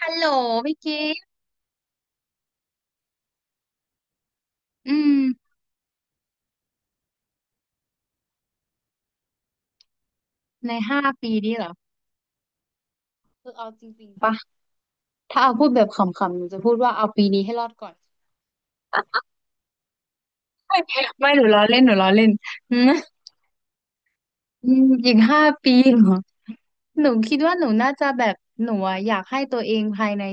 ฮัลโหลพี่กิฟต์อืม ในห้าปีนี้เหรอคือเอาจริงๆปะ ถ้าเอาพูดแบบขำๆหนูจะพูดว่าเอาปีนี้ให้รอดก่อน ไม่หนูล้อเล่นหนูล้อเล่น อืมอีก5 ปีเหรอ หนูคิดว่าหนูน่าจะแบบหนูอะอยากให้ตัวเองภายใน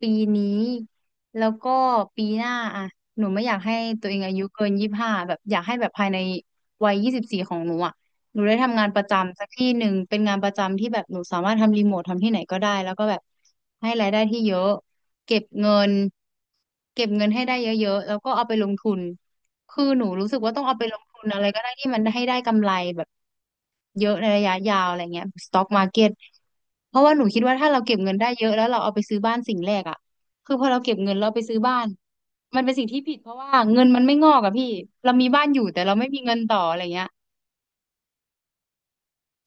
ปีนี้แล้วก็ปีหน้าอะหนูไม่อยากให้ตัวเองอายุเกิน25แบบอยากให้แบบภายในวัย24ของหนูอะหนูได้ทำงานประจำสักที่หนึ่งเป็นงานประจำที่แบบหนูสามารถทำรีโมททำที่ไหนก็ได้แล้วก็แบบให้รายได้ที่เยอะเก็บเงินเก็บเงินให้ได้เยอะๆแล้วก็เอาไปลงทุนคือหนูรู้สึกว่าต้องเอาไปลงทุนอะไรก็ได้ที่มันให้ได้กำไรแบบ เยอะในระยะยาวอะไรเงี้ยสต็อกมาร์เก็ตเพราะว่าหนูคิดว่าถ้าเราเก็บเงินได้เยอะแล้วเราเอาไปซื้อบ้านสิ่งแรกอ่ะคือพอเราเก็บเงินเราไปซื้อบ้านมันเป็นสิ่งที่ผิดเพราะว่าเงินมันไม่งอกอะพี่เรามีบ้านอยู่แต่เราไม่มีเงินต่ออะไรเงี้ย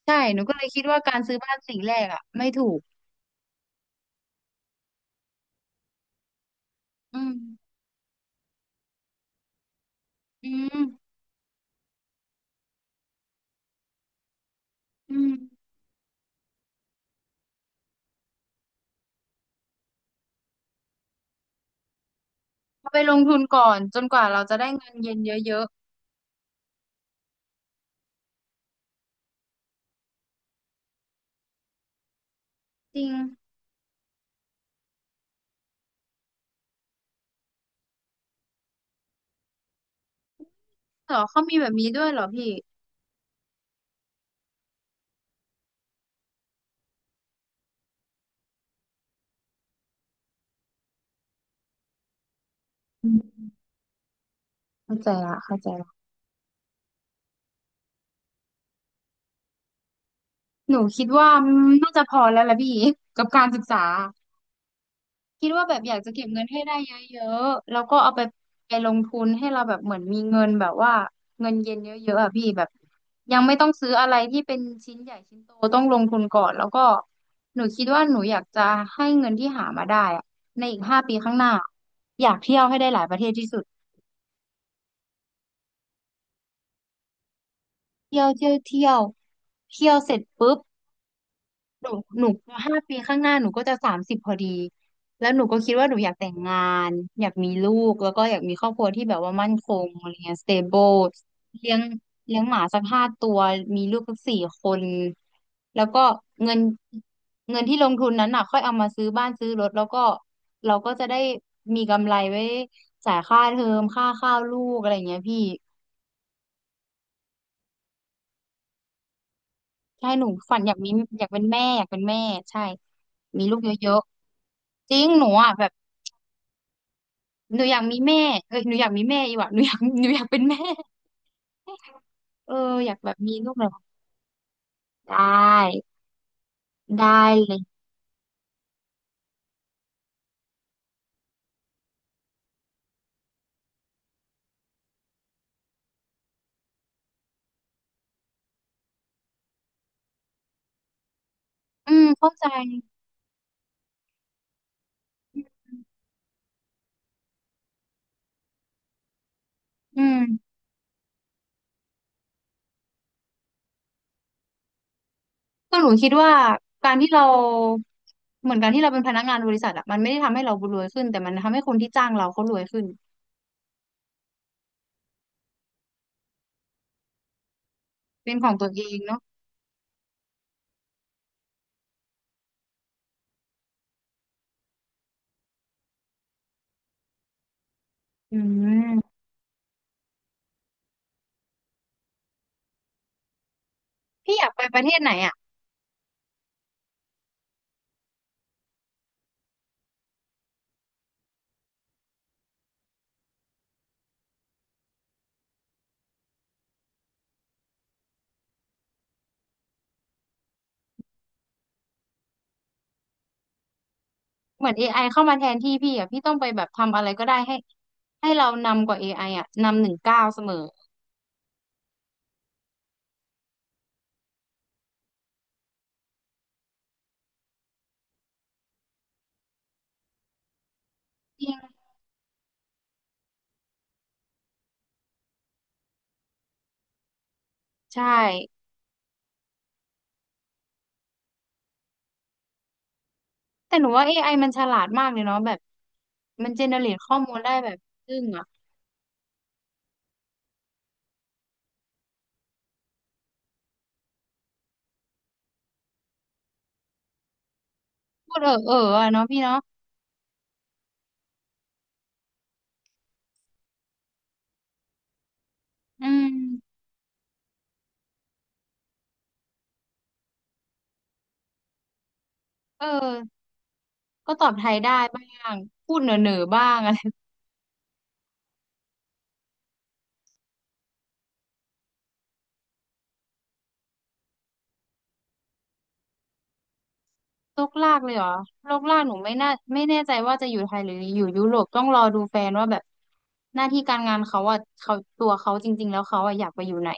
ใช่หนูก็เลยคิดว่าการซื้อบ้านสิ่งแรกอ่ะไม่ถูกอืมอืมอืมเอาไปลงทุนก่อนจนกว่าเราจะได้เงินเย็นเยอะๆจริงเหรอเขามีแบบนี้ด้วยเหรอพี่อืมเข้าใจละเข้าใจละหนูคิดว่าน่าจะพอแล้วละพี่ กับการศึกษา คิดว่าแบบอยากจะเก็บเงินให้ได้เยอะๆแล้วก็เอาไปลงทุนให้เราแบบเหมือนมีเงินแบบว่าเงินเย็นเยอะๆอ่ะพี่แบบยังไม่ต้องซื้ออะไรที่เป็นชิ้นใหญ่ชิ้นโตต้องลงทุนก่อนแล้วก็หนูคิดว่าหนูอยากจะให้เงินที่หามาได้อ่ะในอีกห้าปีข้างหน้าอยากเที่ยวให้ได้หลายประเทศที่สุดเที่ยวเที่ยวเที่ยวเที่ยวเสร็จปุ๊บ หนูหนูห้าปีข้างหน้าหนูก็จะ30พอดีแล้วหนูก็คิดว่าหนูอยากแต่งงานอยากมีลูกแล้วก็อยากมีครอบครัวที่แบบว่ามั่นคงอะไรเงี้ย stable เลี้ยงเลี้ยงหมาสัก5 ตัวมีลูกสัก4 คนแล้วก็เงินเงินที่ลงทุนนั้นน่ะค่อยเอามาซื้อบ้านซื้อรถแล้วก็เราก็จะได้มีกำไรไว้จ่ายค่าเทอมค่าข้าวลูกอะไรเงี้ยพี่ใช่หนูฝันอยากมีอยากเป็นแม่อยากเป็นแม่ใช่มีลูกเยอะๆจริงหนูอ่ะแบบ หนูอยากมีแม่เอ้ยหนูอยากมีแม่อีกว่ะหนูอยาก หนูอยากเป็นแม่เอออยากแบบมีลูกเลยว่ะได้ได้เลยอืมเข้าใจอืมก็หนูคิดว่าการที่เราเหมือนการที่เราเป็นพนักงานบริษัทอะมันไม่ได้ทำให้เรารวยขึ้นแต่มันทำให้คนที่จ้างเราเขารวยขึ้น เป็นของตัวเองเนาะอืมพี่อยากไปประเทศไหนอะเหมือน AI เข้ามาแทนที่พี่อะพี่ต้องไปแบบทำอะไรก็ได้ให้ให้เรานำกว่า AI อไออะนำ1 ก้าวเสมอจริงใช่ แต่หนูว่า AI มันฉลาดมากเลยเนาะแบบมันเจเนเรตข้อมูลได้แบบซึ่งอ่ะพูดเออเอออะเนาะพี่เนาะอืมเออก็ตอบไทยได้บ้างพูดเหน่อเหน่อบ้างอะไรโลกลากเลยเหรอโลกลากหนูไม่น่าไม่แน่ใจว่าจะอยู่ไทยหรืออยู่ยุโรปต้องรอดูแฟนว่าแบบหน้าที่การงานเขาอ่ะเขาตัวเขาจริงๆแล้วเขาอ่ะอยากไปอยู่ไหน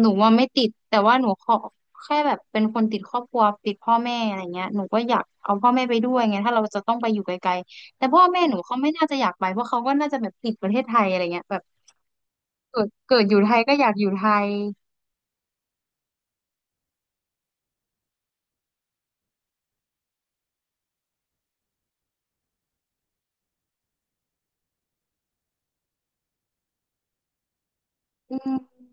หนูว่าไม่ติดแต่ว่าหนูขอแค่แบบเป็นคนติดครอบครัวติดพ่อแม่อะไรเงี้ยหนูก็อยากเอาพ่อแม่ไปด้วยไงถ้าเราจะต้องไปอยู่ไกลๆแต่พ่อแม่หนูเขาไม่น่าจะอยากไปเพราะเขาก็น่าจะแบบติดประเทศไทยอะไรเงี้ยแบบเกิดอยู่ไทยก็อยากอยู่ไทยอืม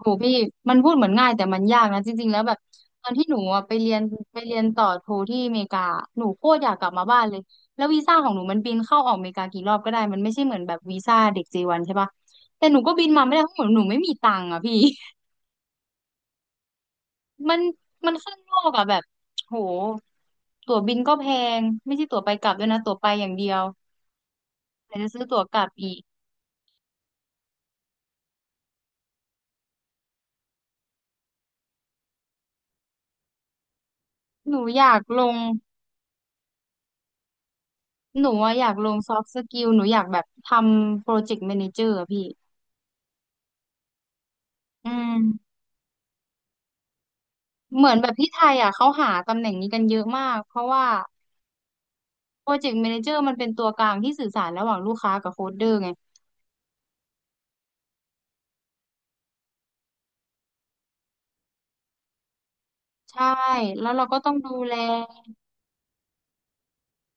โหพี่มันพูดเหมือนง่ายแต่มันยากนะจริงๆแล้วแบบตอนที่หนูอะไปเรียนไปเรียนต่อโทที่อเมริกาหนูโคตรอยากกลับมาบ้านเลยแล้ววีซ่าของหนูมันบินเข้าออกอเมริกากี่รอบก็ได้มันไม่ใช่เหมือนแบบวีซ่าเด็กเจวันใช่ปะแต่หนูก็บินมาไม่ได้เพราะหนูไม่มีตังค์อะพี่ มันมันข้างนอกอะแบบโหตั๋วบินก็แพงไม่ใช่ตั๋วไปกลับด้วยนะตั๋วไปอย่างเดียวแต่จะซื้อตั๋วกลับอีกหนูอยากลงหนูอะอยากลงซอฟต์สกิลหนูอยากแบบทำโปรเจกต์แมเนเจอร์อะพี่อืมเหมือนแบบที่ไทยอะเขาหาตำแหน่งนี้กันเยอะมากเพราะว่าโปรเจกต์แมเนเจอร์มันเป็นตัวกลางที่สื่อสารระหว่างลูกค้ากับโค้ดเดอร์ไงใช่แล้วเราก็ต้องดูแล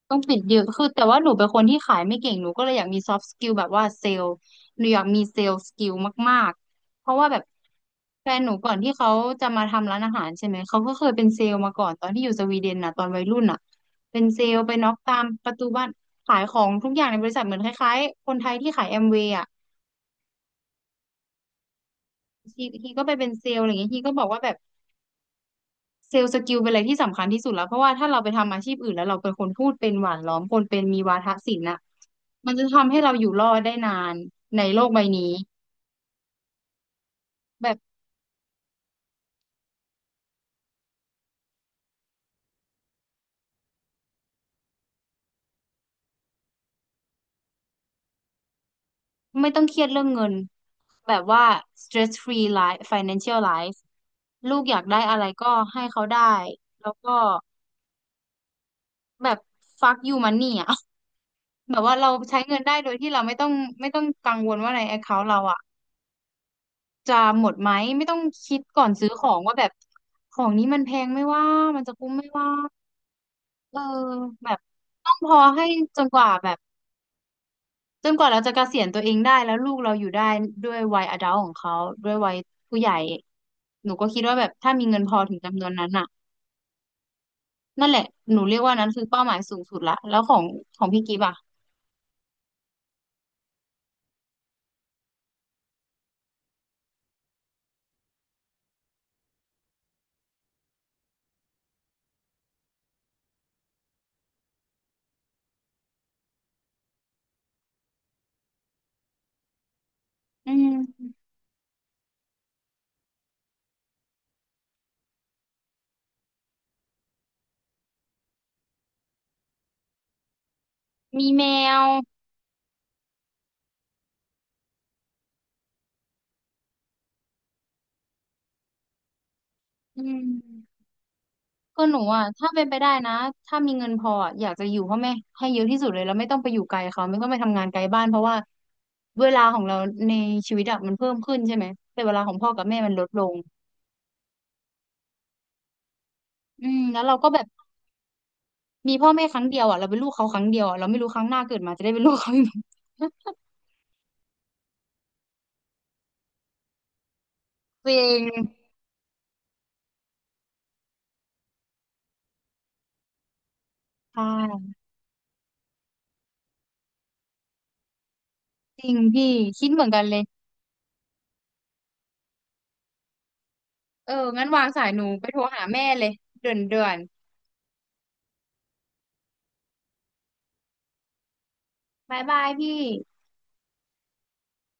ต้องปิดเดีะคือแต่ว่าหนูเป็นคนที่ขายไม่เก่ง หนูก็เลยอยากมีซอฟต์สกิลแบบว่าเซลล์หนูอยากมีเซลล์สกิลมากๆเพราะว่าแบบแฟนหนูก่อนที่เขาจะมาทำร้านอาหารใช่ไหม เขาก็เคยเป็นเซลล์มาก่อนตอนที่อยู่สวีเดนน่ะตอนวัยรุ่นน่ะเป็นเซลล์ไปน็อกตามประตูบ้านขายของทุกอย่างในบริษัทเหมือนคล้ายๆ คนไทยที่ขายแอมเวย์อ่ะทีก็ไปเป็นเซลล์อะไรอย่างเงี้ยทีก็บอกว่าแบบ เซลล์สกิลเป็นอะไรที่สำคัญที่สุดแล้วเพราะว่าถ้าเราไปทำอาชีพอื่นแล้วเราเป็นคนพูดเป็นหวานล้อมคนเป็นมีวาทศิลป์น่ะมันจะทำให้เราอยู่รอดได้นานในโลกใบนี้แบบไม่ต้องเครียดเรื่องเงินแบบว่า stress free life financial life ลูกอยากได้อะไรก็ให้เขาได้แล้วก็แบบ fuck you money อ่ะ แบบว่าเราใช้เงินได้โดยที่เราไม่ต้องไม่ต้องกังวลว่าใน account เราอ่ะ จะหมดไหมไม่ต้องคิดก่อนซื้อของว่าแบบของนี้มันแพงไหม่ว่ามันจะคุ้มไหม่ว่าเออแบบต้องพอให้จนกว่าแบบจนกว่าเราจะเกษียณตัวเองได้แล้วลูกเราอยู่ได้ด้วยวัยอดัลของเขาด้วยวัยผู้ใหญ่หนูก็คิดว่าแบบถ้ามีเงินพอถึงจำนวนนั้นน่ะนั่นแหละหนูเรียกว่านั้นคือเป้าหมายสูงสุดละแล้วของพี่กิฟต์อ่ะอืมมีแมวอืม ก็หนูอ่ะถ้าเป็นไปได้นะถ้ามีเงินพออะอยากจะอยู่พ่อแม่ให้เยอะที่สุดเลยแล้วไม่ต้องไปอยู่ไกลเขาไม่ต้องไปทำงานไกลบ้านเพราะว่าเวลาของเราในชีวิตอะมันเพิ่มขึ้นใช่ไหมแต่เวลาของพ่อกับแม่มันลดลงอืมแล้วเราก็แบบมีพ่อแม่ครั้งเดียวอ่ะเราเป็นลูกเขาครั้งเดียวอะเราไม่รู้ครั้งหน้าเกิดมาจะได้เป็นลูกเขาอีกไหมตัวเองใช่จริงพี่คิดเหมือนกันเลยเอองั้นวางสายหนูไปโทรหาแม่เลยเด่วนเด่วนบายบายพี่